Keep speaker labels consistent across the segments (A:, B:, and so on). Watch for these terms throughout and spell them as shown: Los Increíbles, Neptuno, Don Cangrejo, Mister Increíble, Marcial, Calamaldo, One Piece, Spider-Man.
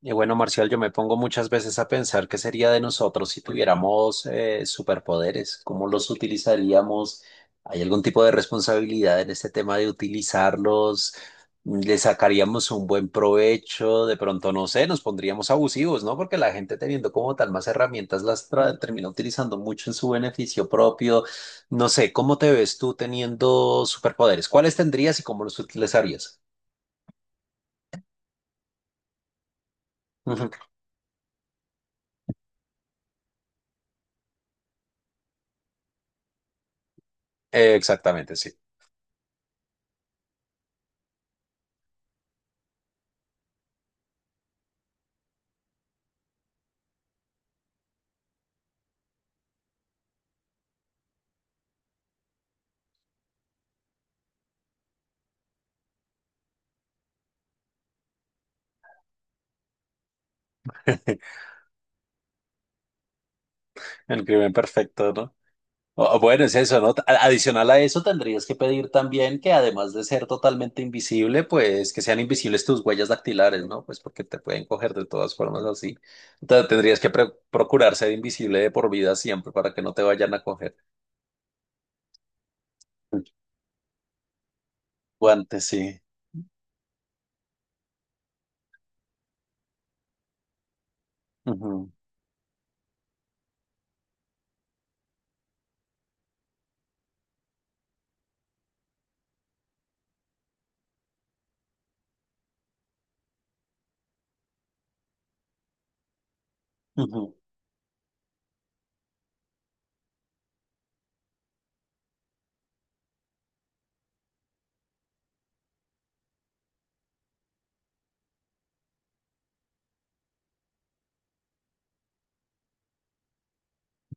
A: Y bueno, Marcial, yo me pongo muchas veces a pensar qué sería de nosotros si tuviéramos superpoderes, cómo los utilizaríamos. ¿Hay algún tipo de responsabilidad en este tema de utilizarlos? ¿Le sacaríamos un buen provecho? De pronto, no sé, nos pondríamos abusivos, ¿no? Porque la gente teniendo como tal más herramientas termina utilizando mucho en su beneficio propio. No sé, ¿cómo te ves tú teniendo superpoderes? ¿Cuáles tendrías y cómo los utilizarías? Ujú. Exactamente, sí. El crimen perfecto, ¿no? O bueno, es eso, ¿no? Adicional a eso, tendrías que pedir también que además de ser totalmente invisible, pues que sean invisibles tus huellas dactilares, ¿no? Pues porque te pueden coger de todas formas así. Entonces tendrías que procurar ser invisible de por vida siempre para que no te vayan a coger. Guantes, sí. Ujú, ujú.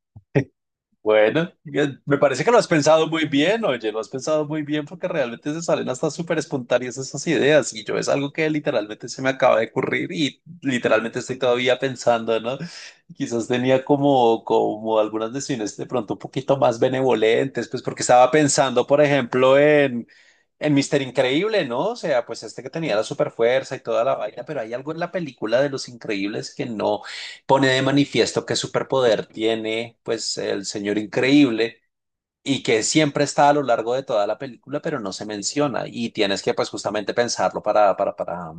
A: Bueno, me parece que lo has pensado muy bien, oye, lo has pensado muy bien porque realmente se salen hasta súper espontáneas esas ideas y yo es algo que literalmente se me acaba de ocurrir y literalmente estoy todavía pensando, ¿no? Quizás tenía como algunas decisiones de pronto un poquito más benevolentes, pues porque estaba pensando, por ejemplo, en Mister Increíble, ¿no? O sea, pues este que tenía la super fuerza y toda la vaina, pero hay algo en la película de Los Increíbles que no pone de manifiesto qué superpoder tiene pues el señor increíble y que siempre está a lo largo de toda la película, pero no se menciona y tienes que pues justamente pensarlo para, para, para,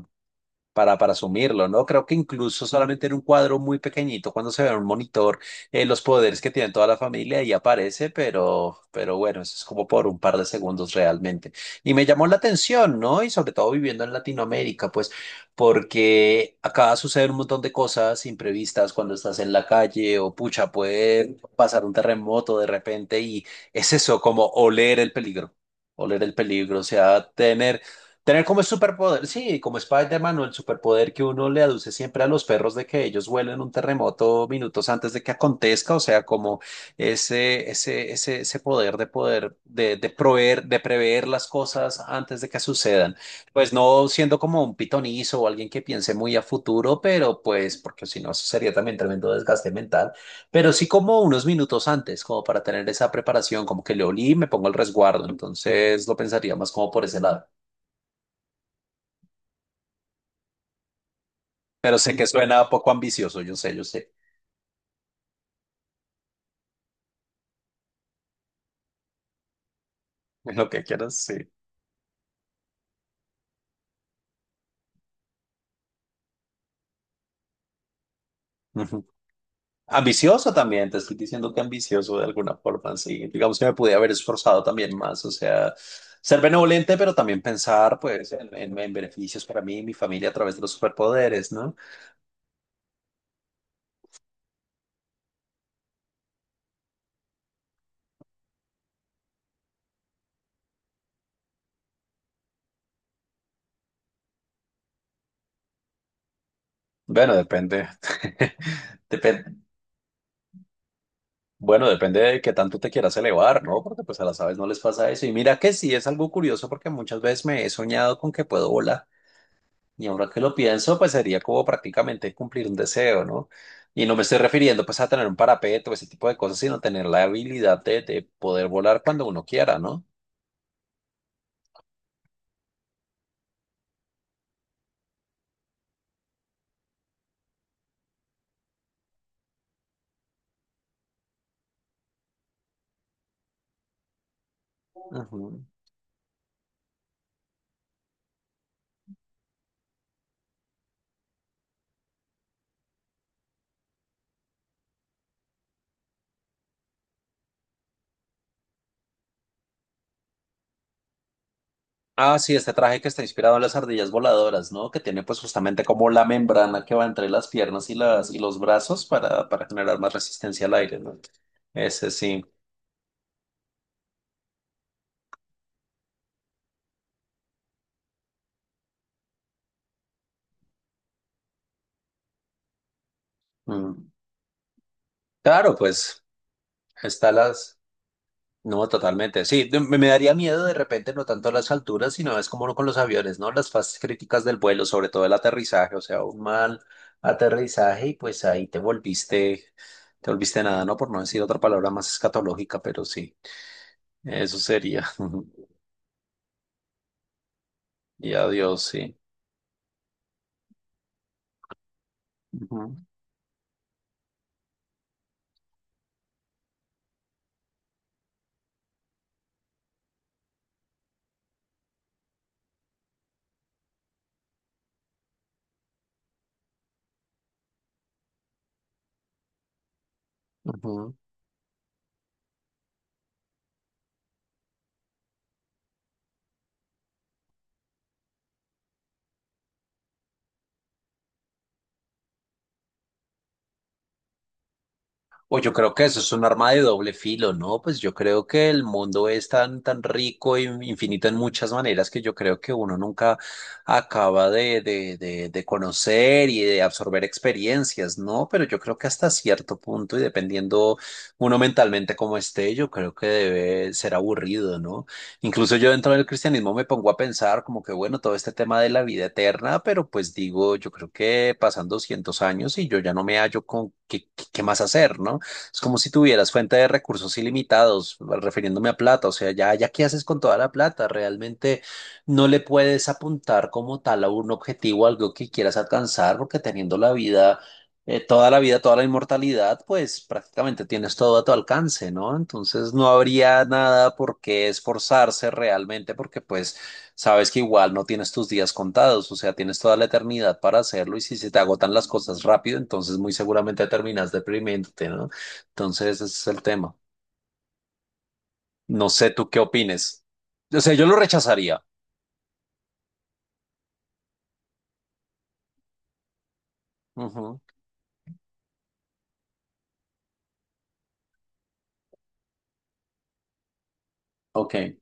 A: para, para asumirlo, ¿no? Creo que incluso solamente en un cuadro muy pequeñito, cuando se ve en un monitor, los poderes que tiene toda la familia y aparece, pero bueno, eso es como por un par de segundos realmente. Y me llamó la atención, ¿no? Y sobre todo viviendo en Latinoamérica, pues, porque acá suceden un montón de cosas imprevistas cuando estás en la calle o pucha, puede pasar un terremoto de repente y es eso, como oler el peligro. Oler el peligro, o sea, tener. Tener como el superpoder, sí, como Spider-Man o el superpoder que uno le aduce siempre a los perros de que ellos huelen un terremoto minutos antes de que acontezca, o sea, como ese poder de poder, de proveer, de prever las cosas antes de que sucedan. Pues no siendo como un pitonizo o alguien que piense muy a futuro, pero pues, porque si no, eso sería también tremendo desgaste mental, pero sí como unos minutos antes, como para tener esa preparación, como que le olí y me pongo el resguardo, entonces lo pensaría más como por ese lado. Pero sé que suena poco ambicioso, yo sé, yo sé. Es lo que quieras, sí. Ujú. Ambicioso también, te estoy diciendo que ambicioso de alguna forma, sí. Digamos que me pude haber esforzado también más, o sea, ser benevolente, pero también pensar, pues, en beneficios para mí y mi familia a través de los superpoderes, ¿no? Bueno, depende. Depen- bueno, depende de qué tanto te quieras elevar, ¿no? Porque pues a las aves no les pasa eso. Y mira que sí, es algo curioso porque muchas veces me he soñado con que puedo volar. Y ahora que lo pienso, pues sería como prácticamente cumplir un deseo, ¿no? Y no me estoy refiriendo pues a tener un parapeto, ese tipo de cosas, sino tener la habilidad de poder volar cuando uno quiera, ¿no? Ujú. Ah, sí, este traje que está inspirado en las ardillas voladoras, ¿no? Que tiene pues justamente como la membrana que va entre las piernas y los brazos para generar más resistencia al aire, ¿no? Ese sí. Mm. Claro, pues está las... No, totalmente. Sí, de- me daría miedo de repente, no tanto las alturas, sino es como con los aviones, ¿no? Las fases críticas del vuelo, sobre todo el aterrizaje, o sea, un mal aterrizaje y pues ahí te volviste nada, ¿no? Por no decir otra palabra más escatológica, pero sí, eso sería. Y adiós, sí. Ujú, ujú. O yo creo que eso es un arma de doble filo, ¿no? Pues yo creo que el mundo es tan, tan rico e infinito en muchas maneras que yo creo que uno nunca acaba de conocer y de absorber experiencias, ¿no? Pero yo creo que hasta cierto punto y dependiendo uno mentalmente como esté, yo creo que debe ser aburrido, ¿no? Incluso yo dentro del cristianismo me pongo a pensar como que, bueno, todo este tema de la vida eterna, pero pues digo, yo creo que pasan 200 años y yo ya no me hallo con qué, qué más hacer, ¿no? Es como si tuvieras fuente de recursos ilimitados, refiriéndome a plata. O sea, ya qué haces con toda la plata. Realmente no le puedes apuntar como tal a un objetivo, algo que quieras alcanzar, porque teniendo la vida, toda la vida, toda la inmortalidad, pues prácticamente tienes todo a tu alcance, ¿no? Entonces no habría nada por qué esforzarse realmente, porque pues sabes que igual no tienes tus días contados, o sea, tienes toda la eternidad para hacerlo y si se te agotan las cosas rápido, entonces muy seguramente terminas deprimiéndote, ¿no? Entonces, ese es el tema. No sé tú qué opines. O sea, yo lo rechazaría. Ujú. Ok.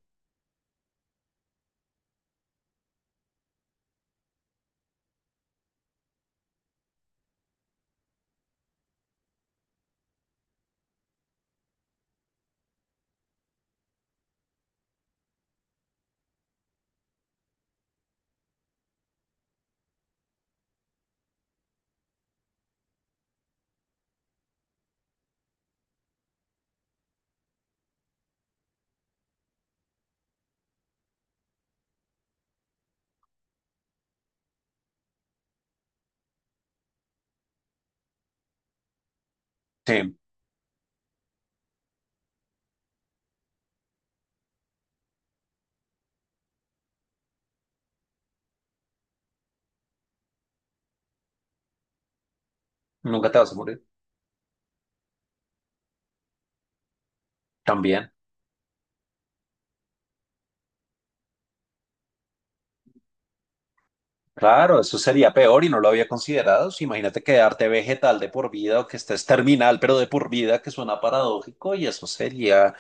A: Sí, nunca te vas a morir. También. Claro, eso sería peor y no lo había considerado. Sí, imagínate quedarte vegetal de por vida o que estés terminal, pero de por vida, que suena paradójico, y eso sería.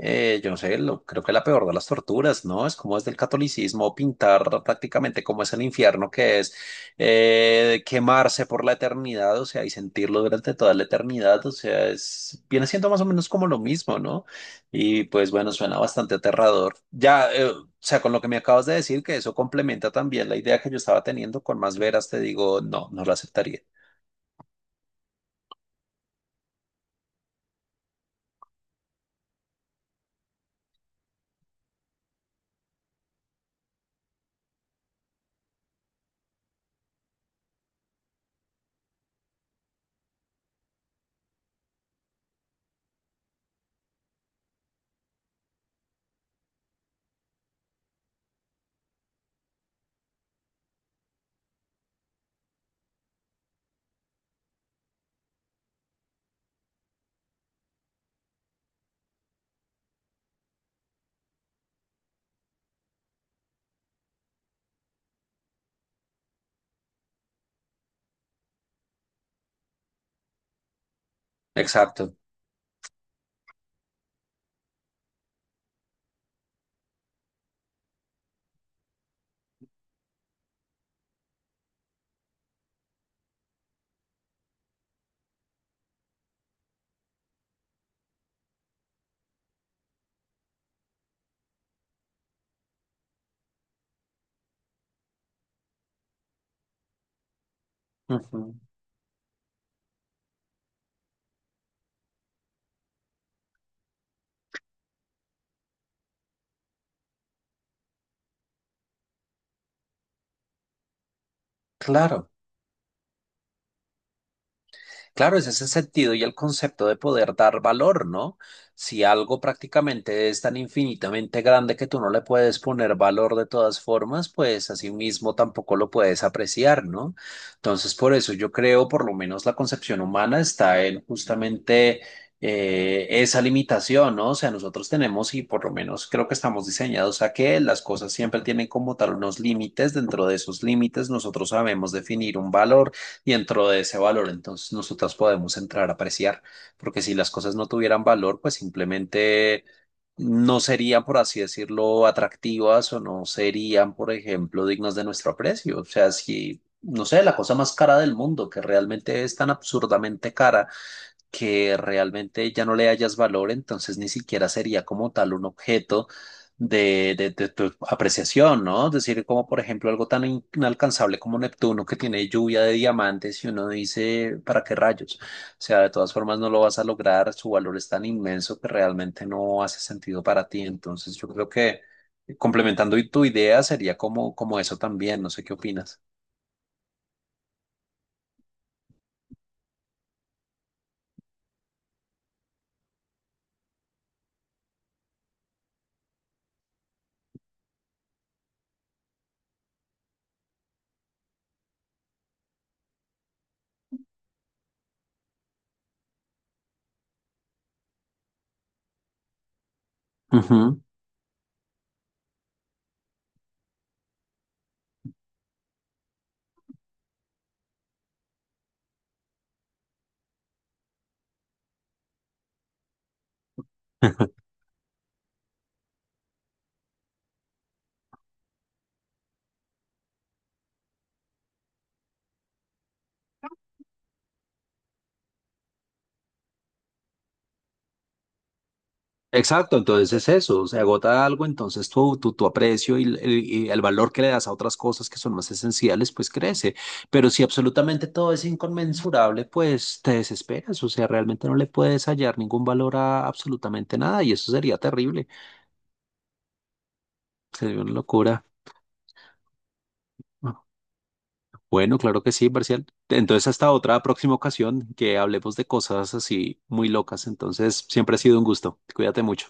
A: Yo no sé, lo- creo que la peor de las torturas, ¿no? Es como es del catolicismo pintar prácticamente como es el infierno, que es quemarse por la eternidad, o sea, y sentirlo durante toda la eternidad, o sea, es, viene siendo más o menos como lo mismo, ¿no? Y pues bueno, suena bastante aterrador. Ya, o sea, con lo que me acabas de decir, que eso complementa también la idea que yo estaba teniendo con más veras, te digo, no, no la aceptaría. Exacto. Ujú. Claro. Claro, es ese sentido y el concepto de poder dar valor, ¿no? Si algo prácticamente es tan infinitamente grande que tú no le puedes poner valor de todas formas, pues así mismo tampoco lo puedes apreciar, ¿no? Entonces, por eso yo creo, por lo menos la concepción humana está en justamente esa limitación, ¿no? O sea, nosotros tenemos y por lo menos creo que estamos diseñados a que las cosas siempre tienen como tal unos límites, dentro de esos límites nosotros sabemos definir un valor y dentro de ese valor entonces nosotros podemos entrar a apreciar, porque si las cosas no tuvieran valor, pues simplemente no serían, por así decirlo, atractivas o no serían, por ejemplo, dignas de nuestro aprecio. O sea, si, no sé, la cosa más cara del mundo, que realmente es tan absurdamente cara que realmente ya no le hayas valor, entonces ni siquiera sería como tal un objeto de tu apreciación, ¿no? Es decir, como por ejemplo algo tan inalcanzable como Neptuno que tiene lluvia de diamantes y uno dice, ¿para qué rayos? O sea, de todas formas no lo vas a lograr, su valor es tan inmenso que realmente no hace sentido para ti. Entonces yo creo que complementando tu idea sería como, como eso también, no sé qué opinas. Ujú. Exacto, entonces es eso, se agota algo, entonces tu aprecio el y el valor que le das a otras cosas que son más esenciales, pues crece. Pero si absolutamente todo es inconmensurable, pues te desesperas, o sea, realmente no le puedes hallar ningún valor a absolutamente nada y eso sería terrible, sería una locura. Ah, bueno, claro que sí, Marcial. Entonces hasta otra próxima ocasión que hablemos de cosas así muy locas. Entonces siempre ha sido un gusto. Cuídate mucho.